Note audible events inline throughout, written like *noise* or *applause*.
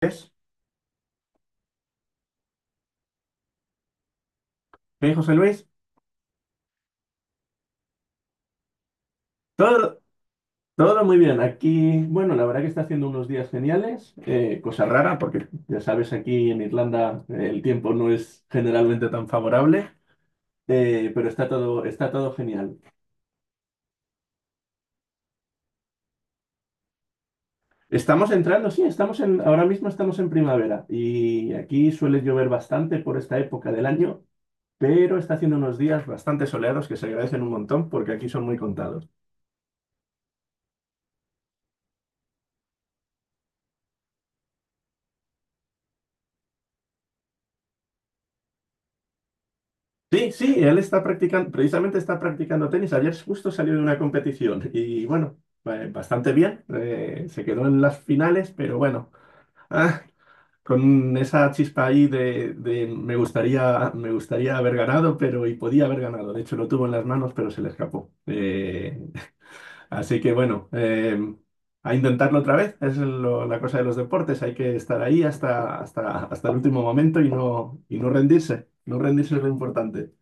Pues, José Luis, todo, todo muy bien. Aquí, bueno, la verdad que está haciendo unos días geniales, cosa rara, porque ya sabes, aquí en Irlanda el tiempo no es generalmente tan favorable, pero está todo genial. Estamos entrando, sí, ahora mismo estamos en primavera y aquí suele llover bastante por esta época del año, pero está haciendo unos días bastante soleados que se agradecen un montón porque aquí son muy contados. Sí, sí, él está practicando, precisamente está practicando tenis. Ayer justo salió de una competición y bueno, bastante bien. Se quedó en las finales, pero bueno, ah, con esa chispa ahí de me gustaría haber ganado, pero y podía haber ganado. De hecho, lo tuvo en las manos, pero se le escapó. Así que bueno, a intentarlo otra vez. La cosa de los deportes. Hay que estar ahí hasta el último momento y y no rendirse. No rendirse es lo importante.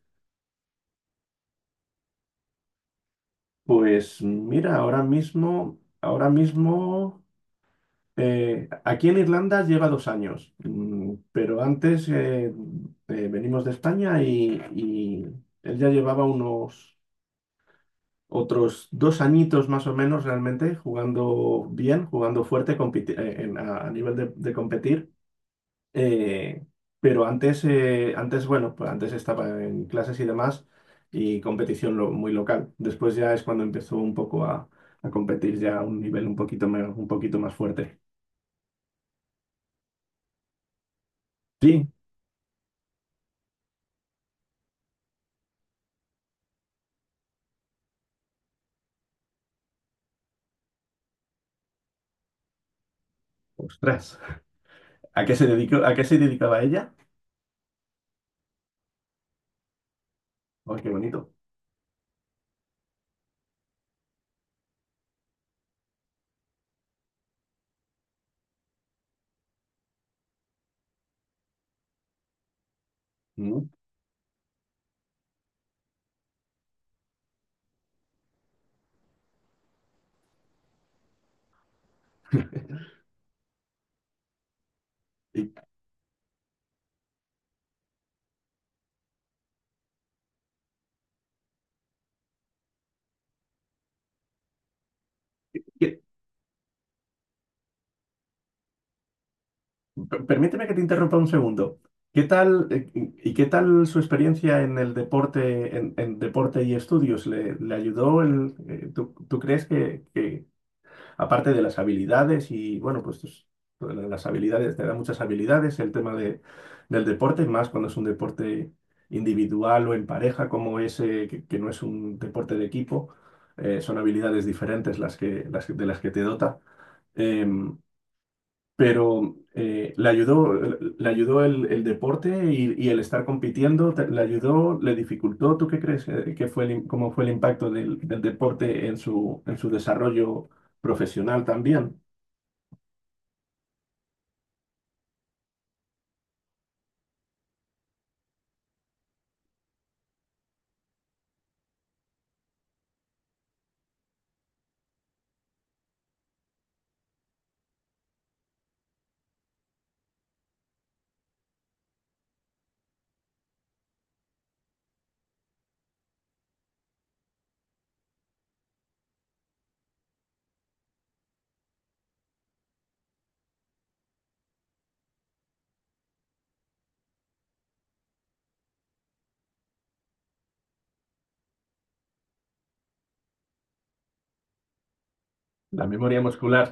Pues mira, ahora mismo, aquí en Irlanda lleva 2 años, pero antes venimos de España y él ya llevaba unos otros 2 añitos más o menos realmente jugando bien, jugando fuerte a nivel de competir. Eh, pero antes, bueno, pues antes estaba en clases y demás y competición muy local. Después ya es cuando empezó un poco a competir ya a un nivel un poquito más fuerte. Sí, ostras. ¿A qué se dedicó, a qué se dedicaba ella? ¡Ay, qué bonito! Mm. ¿Y qué- Permíteme que te interrumpa un segundo. ¿Qué tal, y qué tal su experiencia en el deporte, en deporte y estudios? ¿Le ayudó tú crees aparte de las habilidades y bueno, las habilidades, te da muchas habilidades, el tema de, del deporte, más cuando es un deporte individual o en pareja como ese, que no es un deporte de equipo, son habilidades diferentes de las que te dota. Em, pero le ayudó el deporte y el estar compitiendo, le ayudó, le dificultó. ¿Tú qué crees que fue el im- cómo fue el impacto del deporte en en su desarrollo profesional también? La memoria muscular,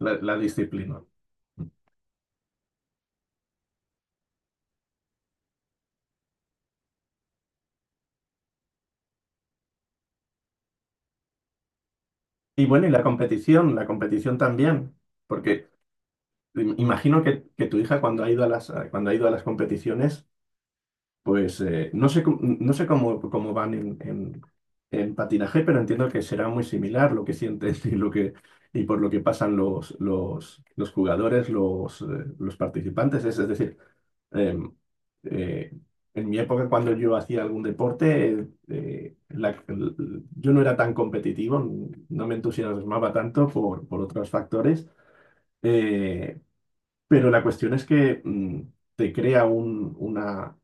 la disciplina. Y bueno, y la competición también, porque imagino que tu hija cuando ha ido a las, cuando ha ido a las competiciones, pues no sé, no sé cómo, cómo van en patinaje, pero entiendo que será muy similar lo que sienten *laughs* y por lo que pasan los jugadores, los participantes. Es decir, Eh, eh, en mi época, cuando yo hacía algún deporte, yo no era tan competitivo, no me entusiasmaba tanto por otros factores, eh, pero la cuestión es que te crea una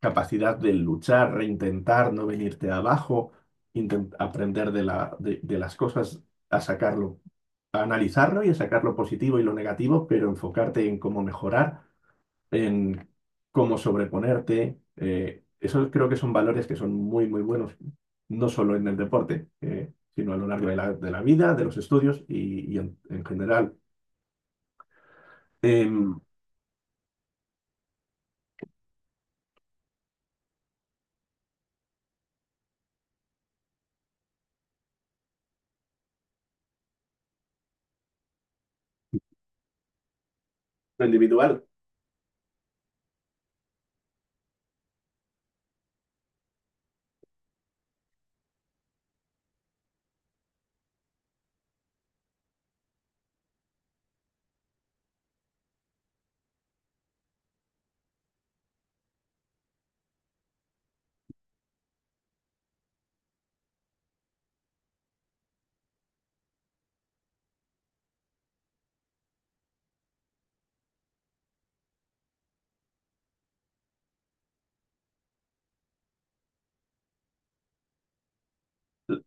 capacidad de luchar, reintentar, no venirte abajo, aprender de la- de las cosas, a sacarlo, a analizarlo y a sacar lo positivo y lo negativo, pero enfocarte en cómo mejorar en cómo sobreponerte. Esos creo que son valores que son muy, muy buenos, no solo en el deporte, sino a lo largo de de la vida, de los estudios en general. Em, lo individual.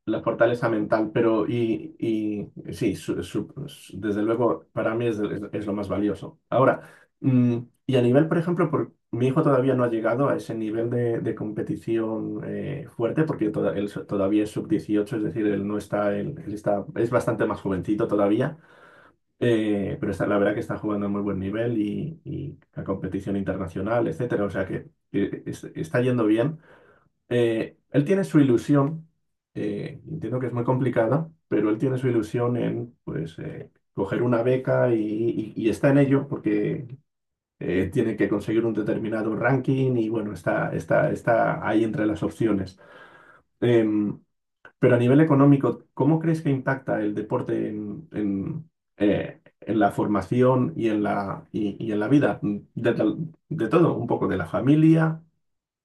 La fortaleza mental, pero y sí, desde luego para mí es lo más valioso. Ahora, mm, y a nivel, por ejemplo, mi hijo todavía no ha llegado a ese nivel de competición fuerte porque todavía es sub 18, es decir, él no está, él está, es bastante más jovencito todavía, pero está, la verdad que está jugando a muy buen nivel y a competición internacional, etcétera, o sea que está yendo bien. Él tiene su ilusión, entiendo que es muy complicada, pero él tiene su ilusión en, pues, coger una beca y está en ello porque tiene que conseguir un determinado ranking y, bueno, está ahí entre las opciones. Em, pero a nivel económico, ¿cómo crees que impacta el deporte en la formación y en y en la vida de, de todo? Un poco de la familia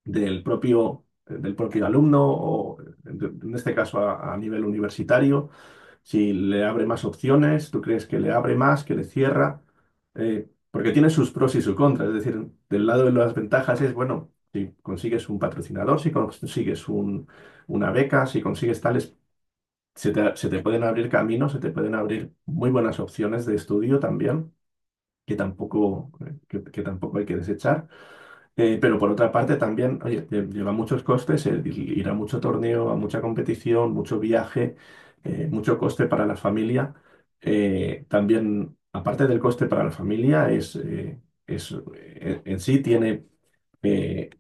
del propio alumno o en este caso a nivel universitario, si le abre más opciones, tú crees que le abre más, que le cierra. Porque tiene sus pros y sus contras, es decir, del lado de las ventajas es, bueno, si consigues un patrocinador, si consigues un- una beca, si consigues tales, se te pueden abrir caminos, se te pueden abrir muy buenas opciones de estudio también. Que tampoco, que tampoco hay que desechar. Pero por otra parte también, oye, lleva muchos costes el ir a mucho torneo, a mucha competición, mucho viaje, mucho coste para la familia. También, aparte del coste para la familia, en sí tiene eh,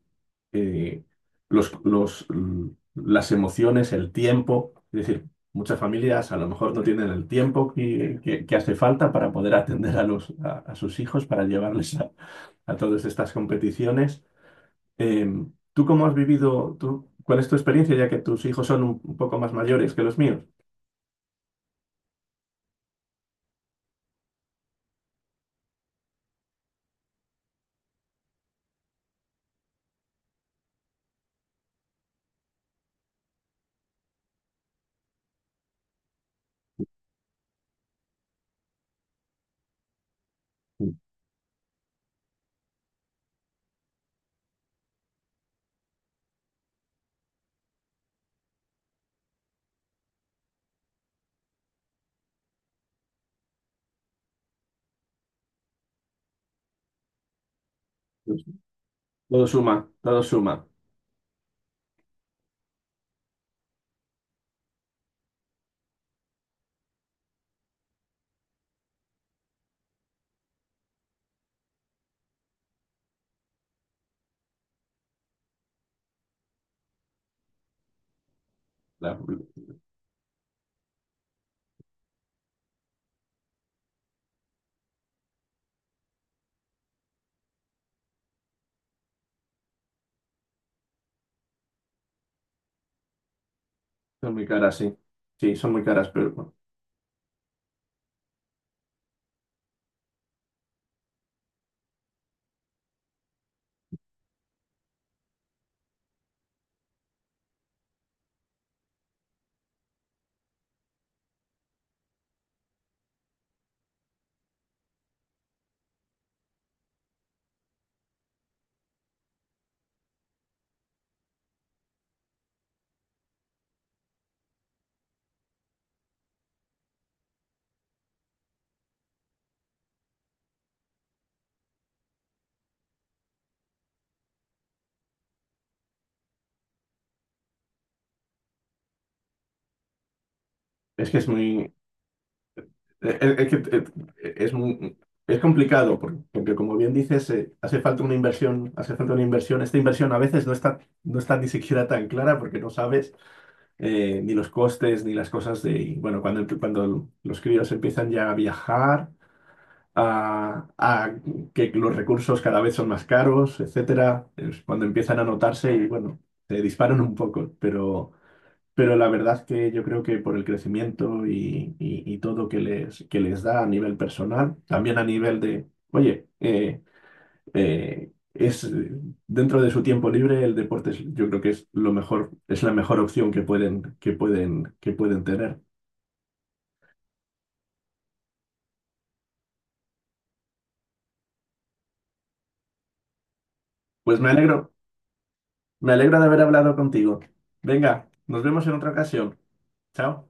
eh, los, los, l- las emociones, el tiempo. Es decir, muchas familias a lo mejor no tienen el tiempo que hace falta para poder atender a sus hijos, para llevarles a todas estas competiciones. ¿Tú cómo has vivido, tú, cuál es tu experiencia, ya que tus hijos son un poco más mayores que los míos? Sí. Pues, todo suma, todo suma. La- Son muy caras, sí. Sí, son muy caras, pero bueno, es que es muy, es, que, es muy, es complicado, porque, como bien dices, hace falta una inversión, hace falta una inversión. Esta inversión a veces no está, no está ni siquiera tan clara porque no sabes ni los costes, ni las cosas de, y bueno, cuando los críos empiezan ya a viajar a que los recursos cada vez son más caros, etcétera, es cuando empiezan a notarse y bueno, se disparan un poco, pero la verdad que yo creo que por el crecimiento y todo que les da a nivel personal, también a nivel de, oye, es dentro de su tiempo libre el deporte yo creo que es lo mejor, es la mejor opción que que pueden tener. Pues me alegro de haber hablado contigo. Venga, nos vemos en otra ocasión. Chao.